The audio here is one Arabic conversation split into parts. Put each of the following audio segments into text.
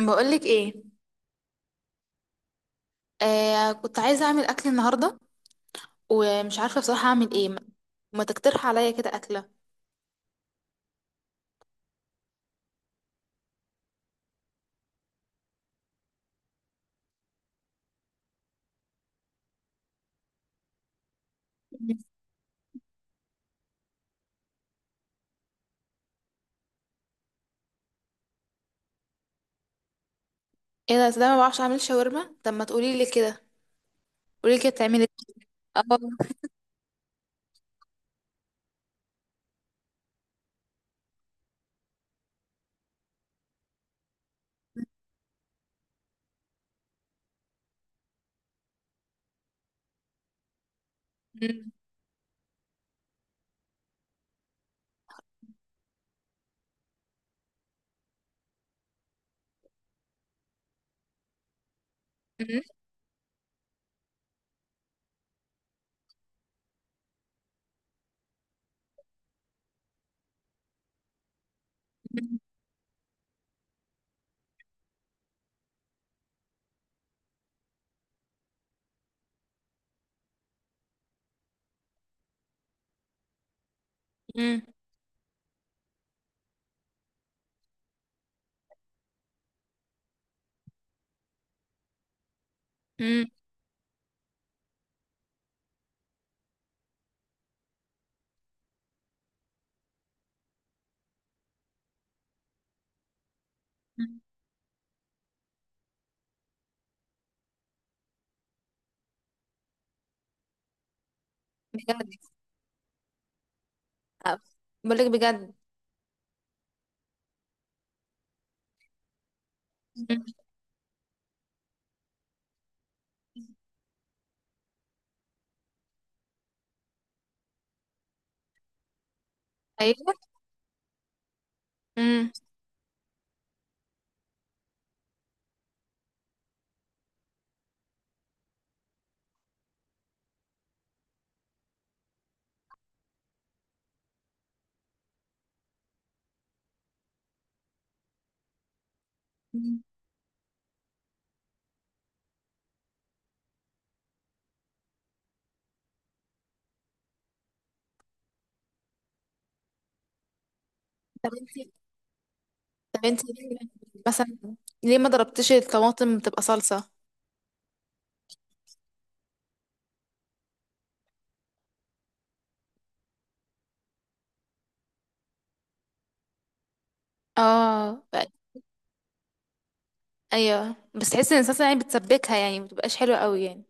بقولك ايه؟ آه، كنت عايزه اعمل اكل النهارده، ومش عارفه بصراحه اعمل ايه. ما تقترح عليا كده اكله؟ مم. ايه ده؟ أصل انا ما بعرفش اعمل شاورما. طب ما تقولي لي كده، قولي لي كده، بتعملي إيه؟ اه. مم. مم. مم. مم. مم. بجد؟ آه، بقولك بجد. مم. ايوه. مم. مم. طب انتي طب انتي مثلا ليه ما ضربتيش الطماطم بتبقى صلصه؟ اه. ايوه بس تحسي ان الصلصه يعني بتسبكها، يعني ما بتبقاش حلوه قوي يعني.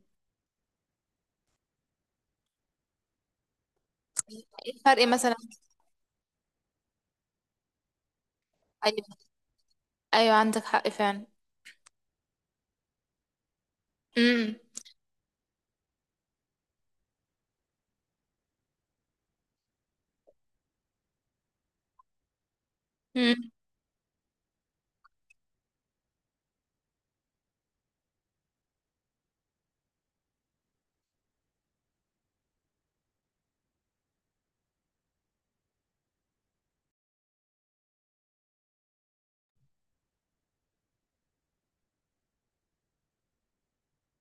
إيه الفرق مثلا؟ ايوه. ايوه عندك حق فعلا. امم. امم.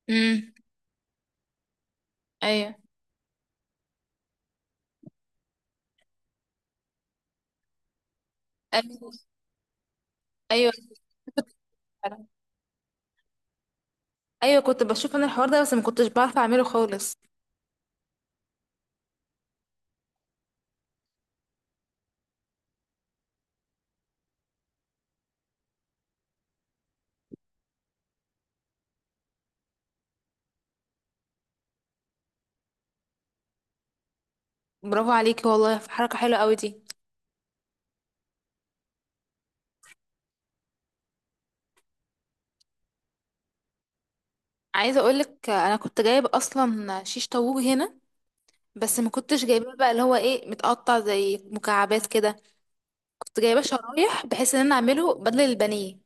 امم. ايوه، ايوه، ايوه، فعلا. ايوه كنت بشوف انا الحوار ده، بس ما كنتش بعرف اعمله خالص. برافو عليكي والله، في حركه حلوه قوي دي. عايزه اقولك، انا كنت جايب اصلا شيش طاووق هنا، بس ما كنتش جايباه بقى اللي هو ايه، متقطع زي مكعبات كده. كنت جايباه شرايح بحيث ان انا اعمله بدل البانيه.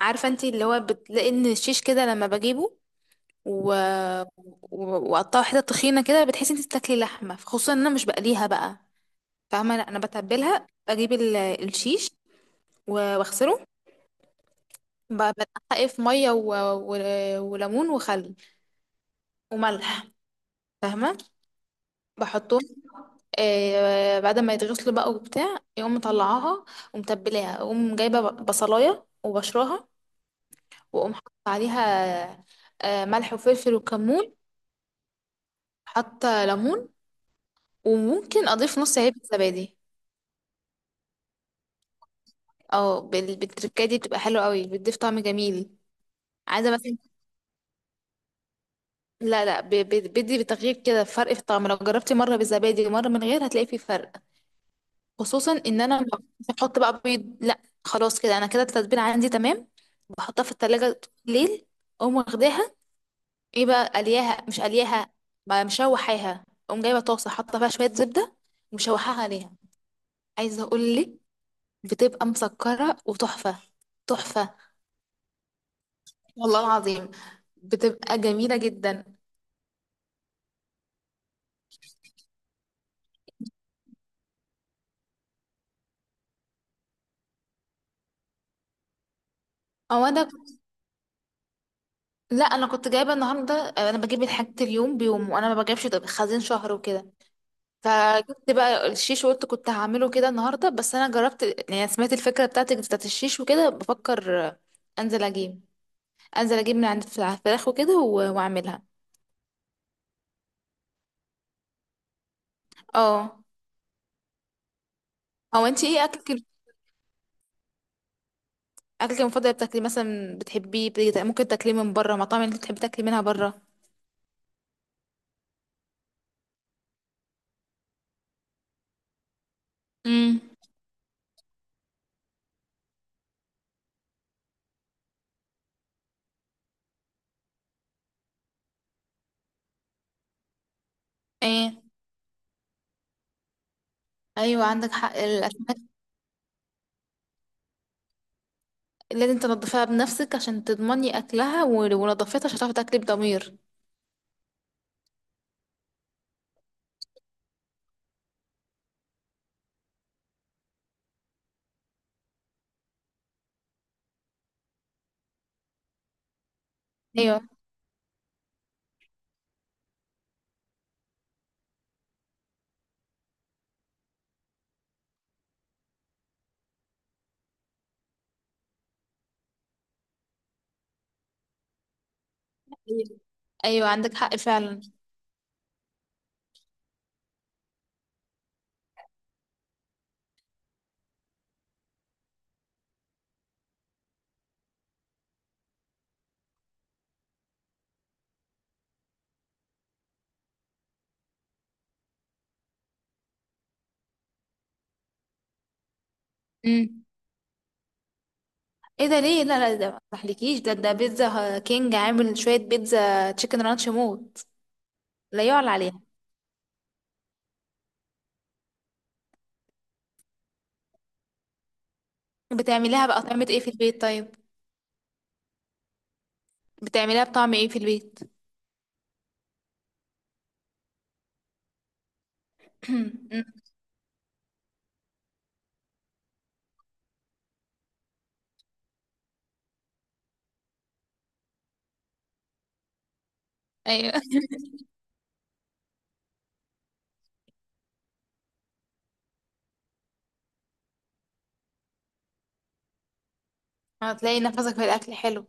عارفه انت اللي هو بتلاقي ان الشيش كده لما بجيبه و... و- وقطعها حتت تخينه كده، بتحسي انت بتاكلي لحمه، خصوصا ان انا مش بقليها بقى. فاهمه. لا انا بتبلها، بجيب الشيش و- واغسله، بنقعه في ميه و... وليمون وخل وملح، فاهمه. بحطهم بعد ما يتغسلوا بقى وبتاع، يقوم مطلعاها ومتبلاها، اقوم جايبه بصلايه وبشراها، واقوم حاطه عليها ملح وفلفل وكمون، حاطه ليمون، وممكن اضيف نص علبه زبادي. اه بالتركاية دي بتبقى حلوة قوي، بتضيف طعم جميل. عايزة مثلا. لا، لا، بدي بتغيير كده، فرق في الطعم. لو جربتي مرة بالزبادي ومرة من غير هتلاقي فيه فرق. خصوصا ان انا ما بحط بقى بيض. لا خلاص كده، انا كده التتبيلة عندي تمام. بحطها في التلاجة ليل، اقوم واخداها. ايه بقى، قلياها مش قلياها؟ ما مشوحاها، اقوم جايبة طاسة حاطة فيها شوية زبدة ومشوحاها عليها. عايزة اقول لك، بتبقى مسكرة وتحفة. تحفة، والله العظيم، بتبقى جميلة جدا. او انا كنت- لا انا كنت جايبه النهارده. انا بجيب الحاجات اليوم بيوم، وانا ما بجيبش خزين شهر وكده. فجبت بقى الشيش وقلت كنت هعمله كده النهارده، بس انا جربت يعني، سمعت الفكره بتاعتك بتاعت الشيش وكده، بفكر انزل اجيب انزل اجيب من عند الفراخ وكده واعملها. اه. هو انت ايه اكلك المفضل بتاكلي مثلا بتحبيه؟ ممكن تاكليه من بره؟ مطاعم اللي بتحبي تاكلي منها بره؟ امم. ايه. ايوه عندك حق، الاسماك. لازم تنضفيها بنفسك عشان تضمني اكلها، ولو نضفتها مش هتعرفي تاكلي بضمير. ايوه. ايوه عندك حق فعلا. امم. ايه ده ليه؟ لا، لا، ده ما تحلكيش، ده بيتزا كينج عامل شويه بيتزا تشيكن رانش موت. لا يعلى عليها. بتعمليها بقى طعمة ايه في البيت طيب؟ بتعمليها بطعم ايه في البيت؟ أمم، ايوه. هتلاقي نفسك في الاكل حلو.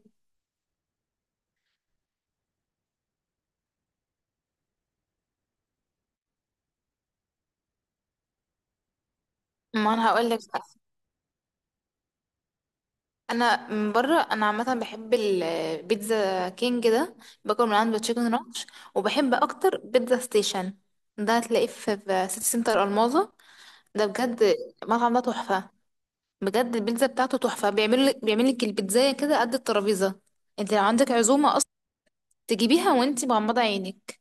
ما انا هقول لك. انا من بره، انا عامه بحب البيتزا كينج ده، باكل من عنده تشيكن رانش. وبحب اكتر بيتزا ستيشن، ده هتلاقيه في سيتي سنتر الماظة. ده بجد، المطعم ده تحفه، بجد البيتزا بتاعته تحفه، بيعمل لك البيتزايه كده قد الترابيزه. انت لو عندك عزومه اصلا تجيبيها وانت مغمضه عينك.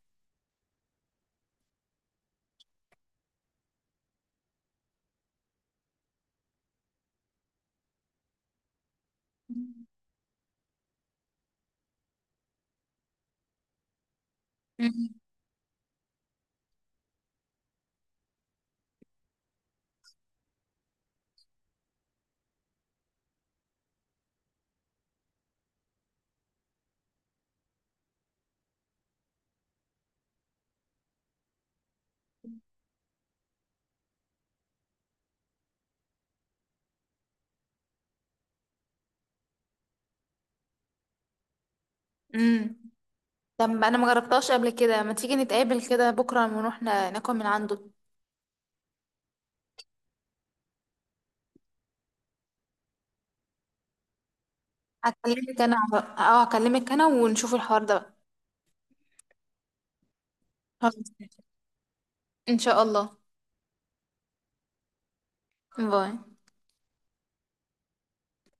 مم. مم. طب انا ما جربتهاش قبل كده، ما تيجي نتقابل كده بكره ونروح ناكل من عنده؟ هكلمك انا. اه هكلمك انا ونشوف الحوار ده بقى. خلاص. ان شاء الله. باي.